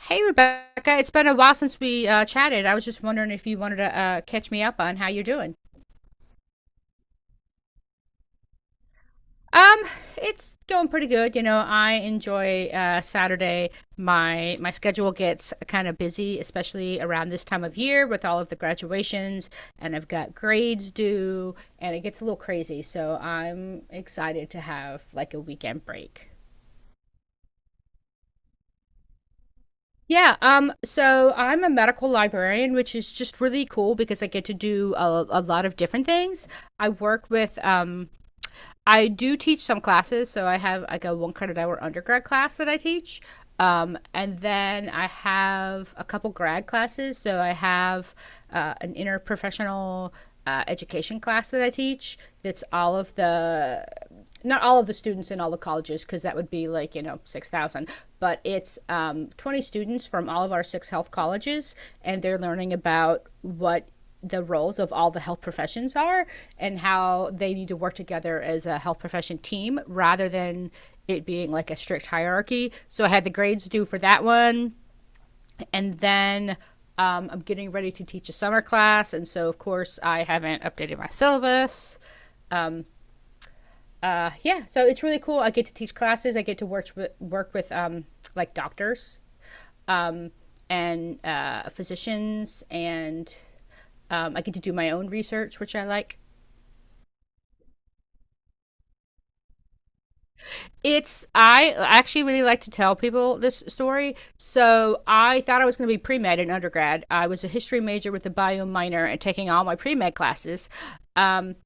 Hey, Rebecca. It's been a while since we chatted. I was just wondering if you wanted to catch me up on how you're doing. Um, it's going pretty good. You know, I enjoy Saturday. My schedule gets kind of busy, especially around this time of year with all of the graduations, and I've got grades due, and it gets a little crazy. So I'm excited to have like a weekend break. Yeah, so I'm a medical librarian, which is just really cool because I get to do a lot of different things. I work with, I do teach some classes, so I have like a one credit hour undergrad class that I teach. And then I have a couple grad classes, so I have an interprofessional education class that I teach that's all of the not all of the students in all the colleges because that would be like, you know, 6,000, but it's 20 students from all of our six health colleges, and they're learning about what the roles of all the health professions are and how they need to work together as a health profession team rather than it being like a strict hierarchy. So I had the grades due for that one, and then I'm getting ready to teach a summer class, and so of course I haven't updated my syllabus. Um, yeah, so it's really cool. I get to teach classes. I get to work with, like doctors, um, and physicians, and I get to do my own research, which I like. It's, I actually really like to tell people this story. So I thought I was going to be pre med in undergrad. I was a history major with a bio minor and taking all my pre med classes. Um,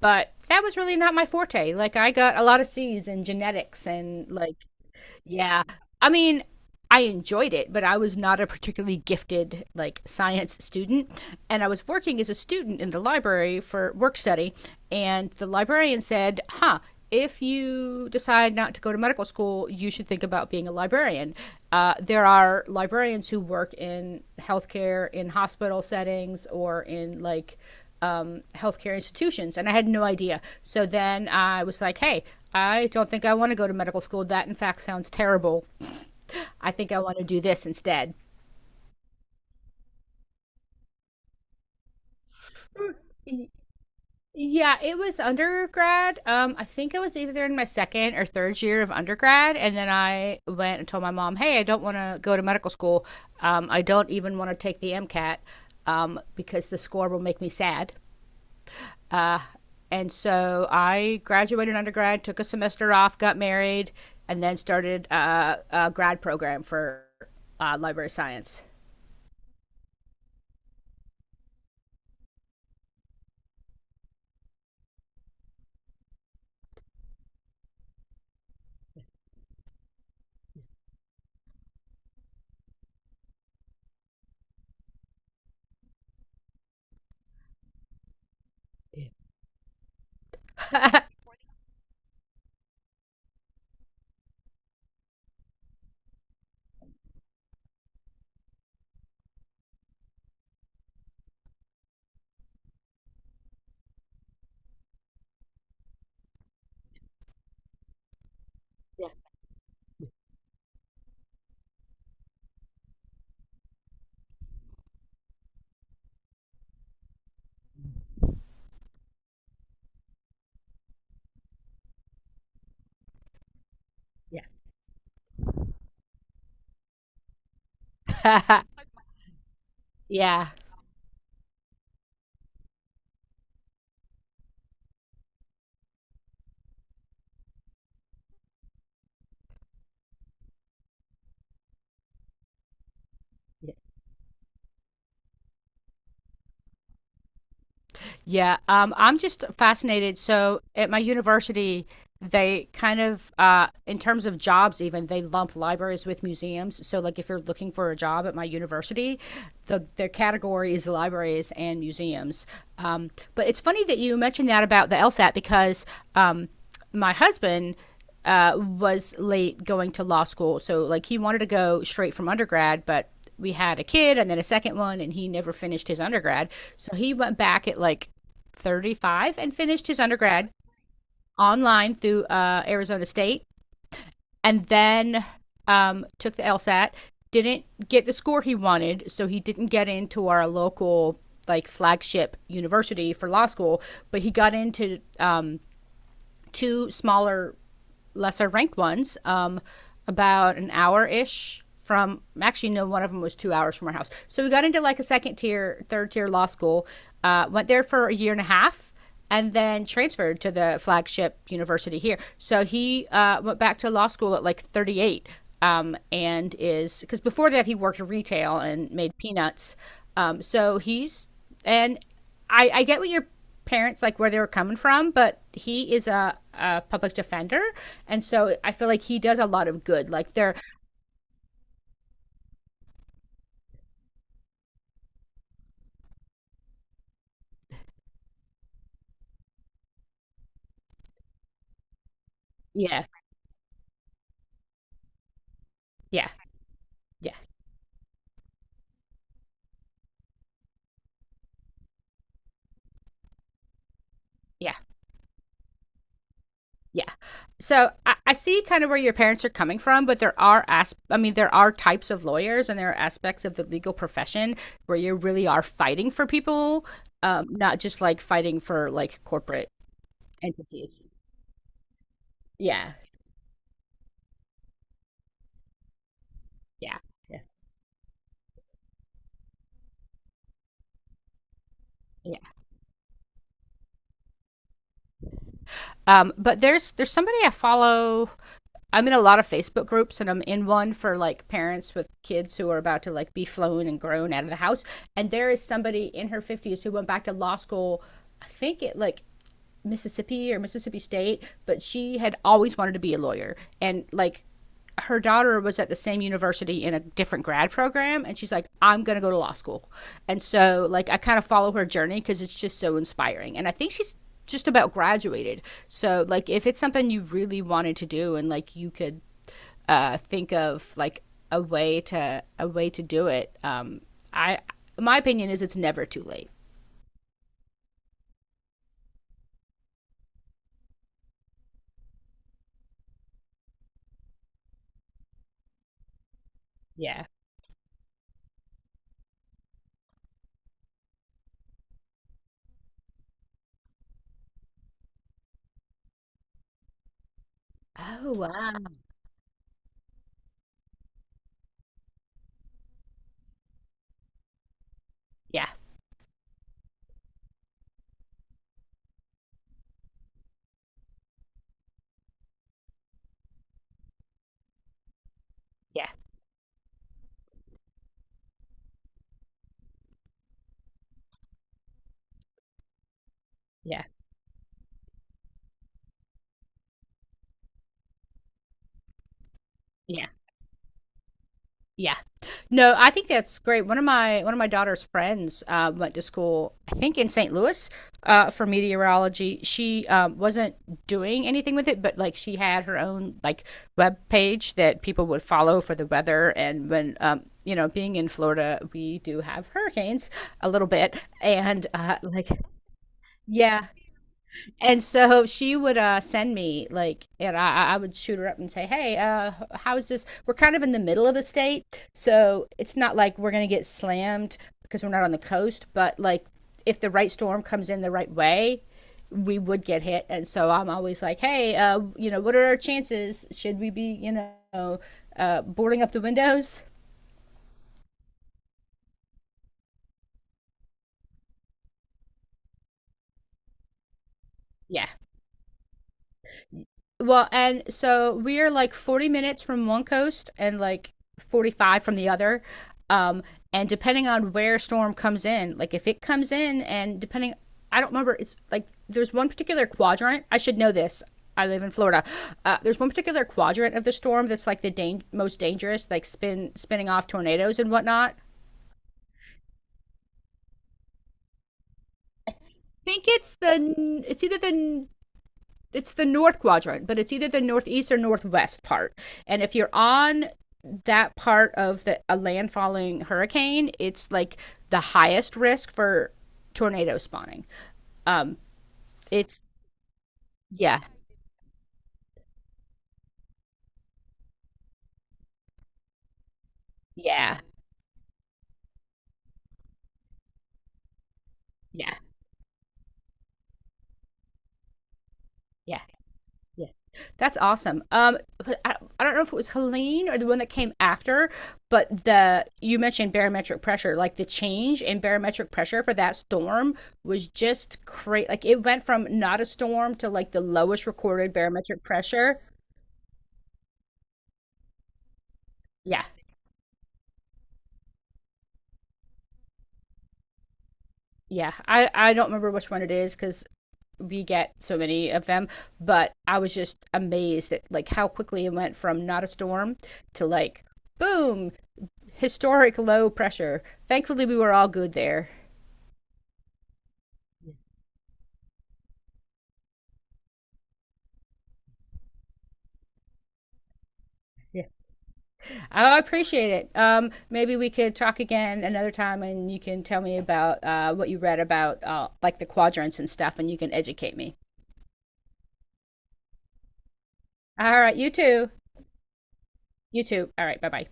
but that was really not my forte. Like, I got a lot of C's in genetics and like, yeah. I mean, I enjoyed it, but I was not a particularly gifted like science student, and I was working as a student in the library for work study, and the librarian said, "Huh, if you decide not to go to medical school, you should think about being a librarian. There are librarians who work in healthcare, in hospital settings, or in like healthcare institutions," and I had no idea. So then I was like, hey, I don't think I want to go to medical school. That, in fact, sounds terrible. I think I want to do this instead. Yeah, it was undergrad. I think I was either in my second or third year of undergrad, and then I went and told my mom, "Hey, I don't want to go to medical school. I don't even want to take the MCAT because the score will make me sad." Uh, and so I graduated undergrad, took a semester off, got married, and then started a grad program for library science. Yeah. Yeah. Yeah. Yeah, I'm just fascinated. So at my university, they kind of, in terms of jobs, even they lump libraries with museums. So like, if you're looking for a job at my university, their category is libraries and museums. But it's funny that you mentioned that about the LSAT because um, my husband. Was late going to law school. So, like, he wanted to go straight from undergrad, but we had a kid and then a second one and he never finished his undergrad, so he went back at like 35 and finished his undergrad online through Arizona State, and then took the LSAT. Didn't get the score he wanted, so he didn't get into our local like flagship university for law school, but he got into two smaller lesser ranked ones, about an hour ish from, actually no, one of them was 2 hours from our house. So we got into like a second tier, third tier law school, went there for a year and a half and then transferred to the flagship university here. So he went back to law school at like 38, and is, because before that he worked in retail and made peanuts. So he's, and I get what you're parents like where they were coming from, but he is a public defender, and so I feel like he does a lot of good. Like, they're, yeah, yeah, yeah, yeah, yeah. So I see kind of where your parents are coming from, but there are, as I mean, there are types of lawyers and there are aspects of the legal profession where you really are fighting for people, not just like fighting for like corporate entities. Yeah, yeah. Yeah. Yeah. But there's somebody I follow, I'm in a lot of Facebook groups and I'm in one for like parents with kids who are about to like be flown and grown out of the house. And there is somebody in her 50s who went back to law school, I think it like Mississippi or Mississippi State, but she had always wanted to be a lawyer. And like, her daughter was at the same university in a different grad program and she's like, I'm going to go to law school. And so like, I kind of follow her journey because it's just so inspiring and I think she's just about graduated. So like, if it's something you really wanted to do and like you could think of like a way to do it. I, my opinion is it's never too late. Yeah. Oh wow. Yeah. Yeah. Yeah. Yeah. Yeah. No, I think that's great. One of my daughter's friends went to school, I think in St. Louis, for meteorology. She wasn't doing anything with it, but like she had her own like web page that people would follow for the weather. And when, you know, being in Florida, we do have hurricanes a little bit, and like, yeah, and so she would send me like, and I would shoot her up and say, "Hey, how is this? We're kind of in the middle of the state, so it's not like we're gonna get slammed because we're not on the coast. But like, if the right storm comes in the right way, we would get hit." And so I'm always like, "Hey, you know, what are our chances? Should we be, you know, boarding up the windows?" Yeah. Well, and so we're like 40 minutes from one coast and like 45 from the other. Um, and depending on where storm comes in, like if it comes in and depending, I don't remember, it's like there's one particular quadrant. I should know this. I live in Florida. There's one particular quadrant of the storm that's like the most dangerous, like spinning off tornadoes and whatnot. I think it's the, it's the north quadrant, but it's either the northeast or northwest part. And if you're on that part of the a landfalling hurricane, it's like the highest risk for tornado spawning. Um, it's yeah, yeah, yeah, yeah. Yeah, that's awesome. But I don't know if it was Helene or the one that came after, but the you mentioned barometric pressure, like the change in barometric pressure for that storm was just crazy. Like it went from not a storm to like the lowest recorded barometric pressure. Yeah, yeah. I don't remember which one it is because we get so many of them, but I was just amazed at like how quickly it went from not a storm to like boom, historic low pressure. Thankfully, we were all good there. I appreciate it. Maybe we could talk again another time, and you can tell me about what you read about, like the quadrants and stuff, and you can educate me. All right, you too. You too. All right, bye bye.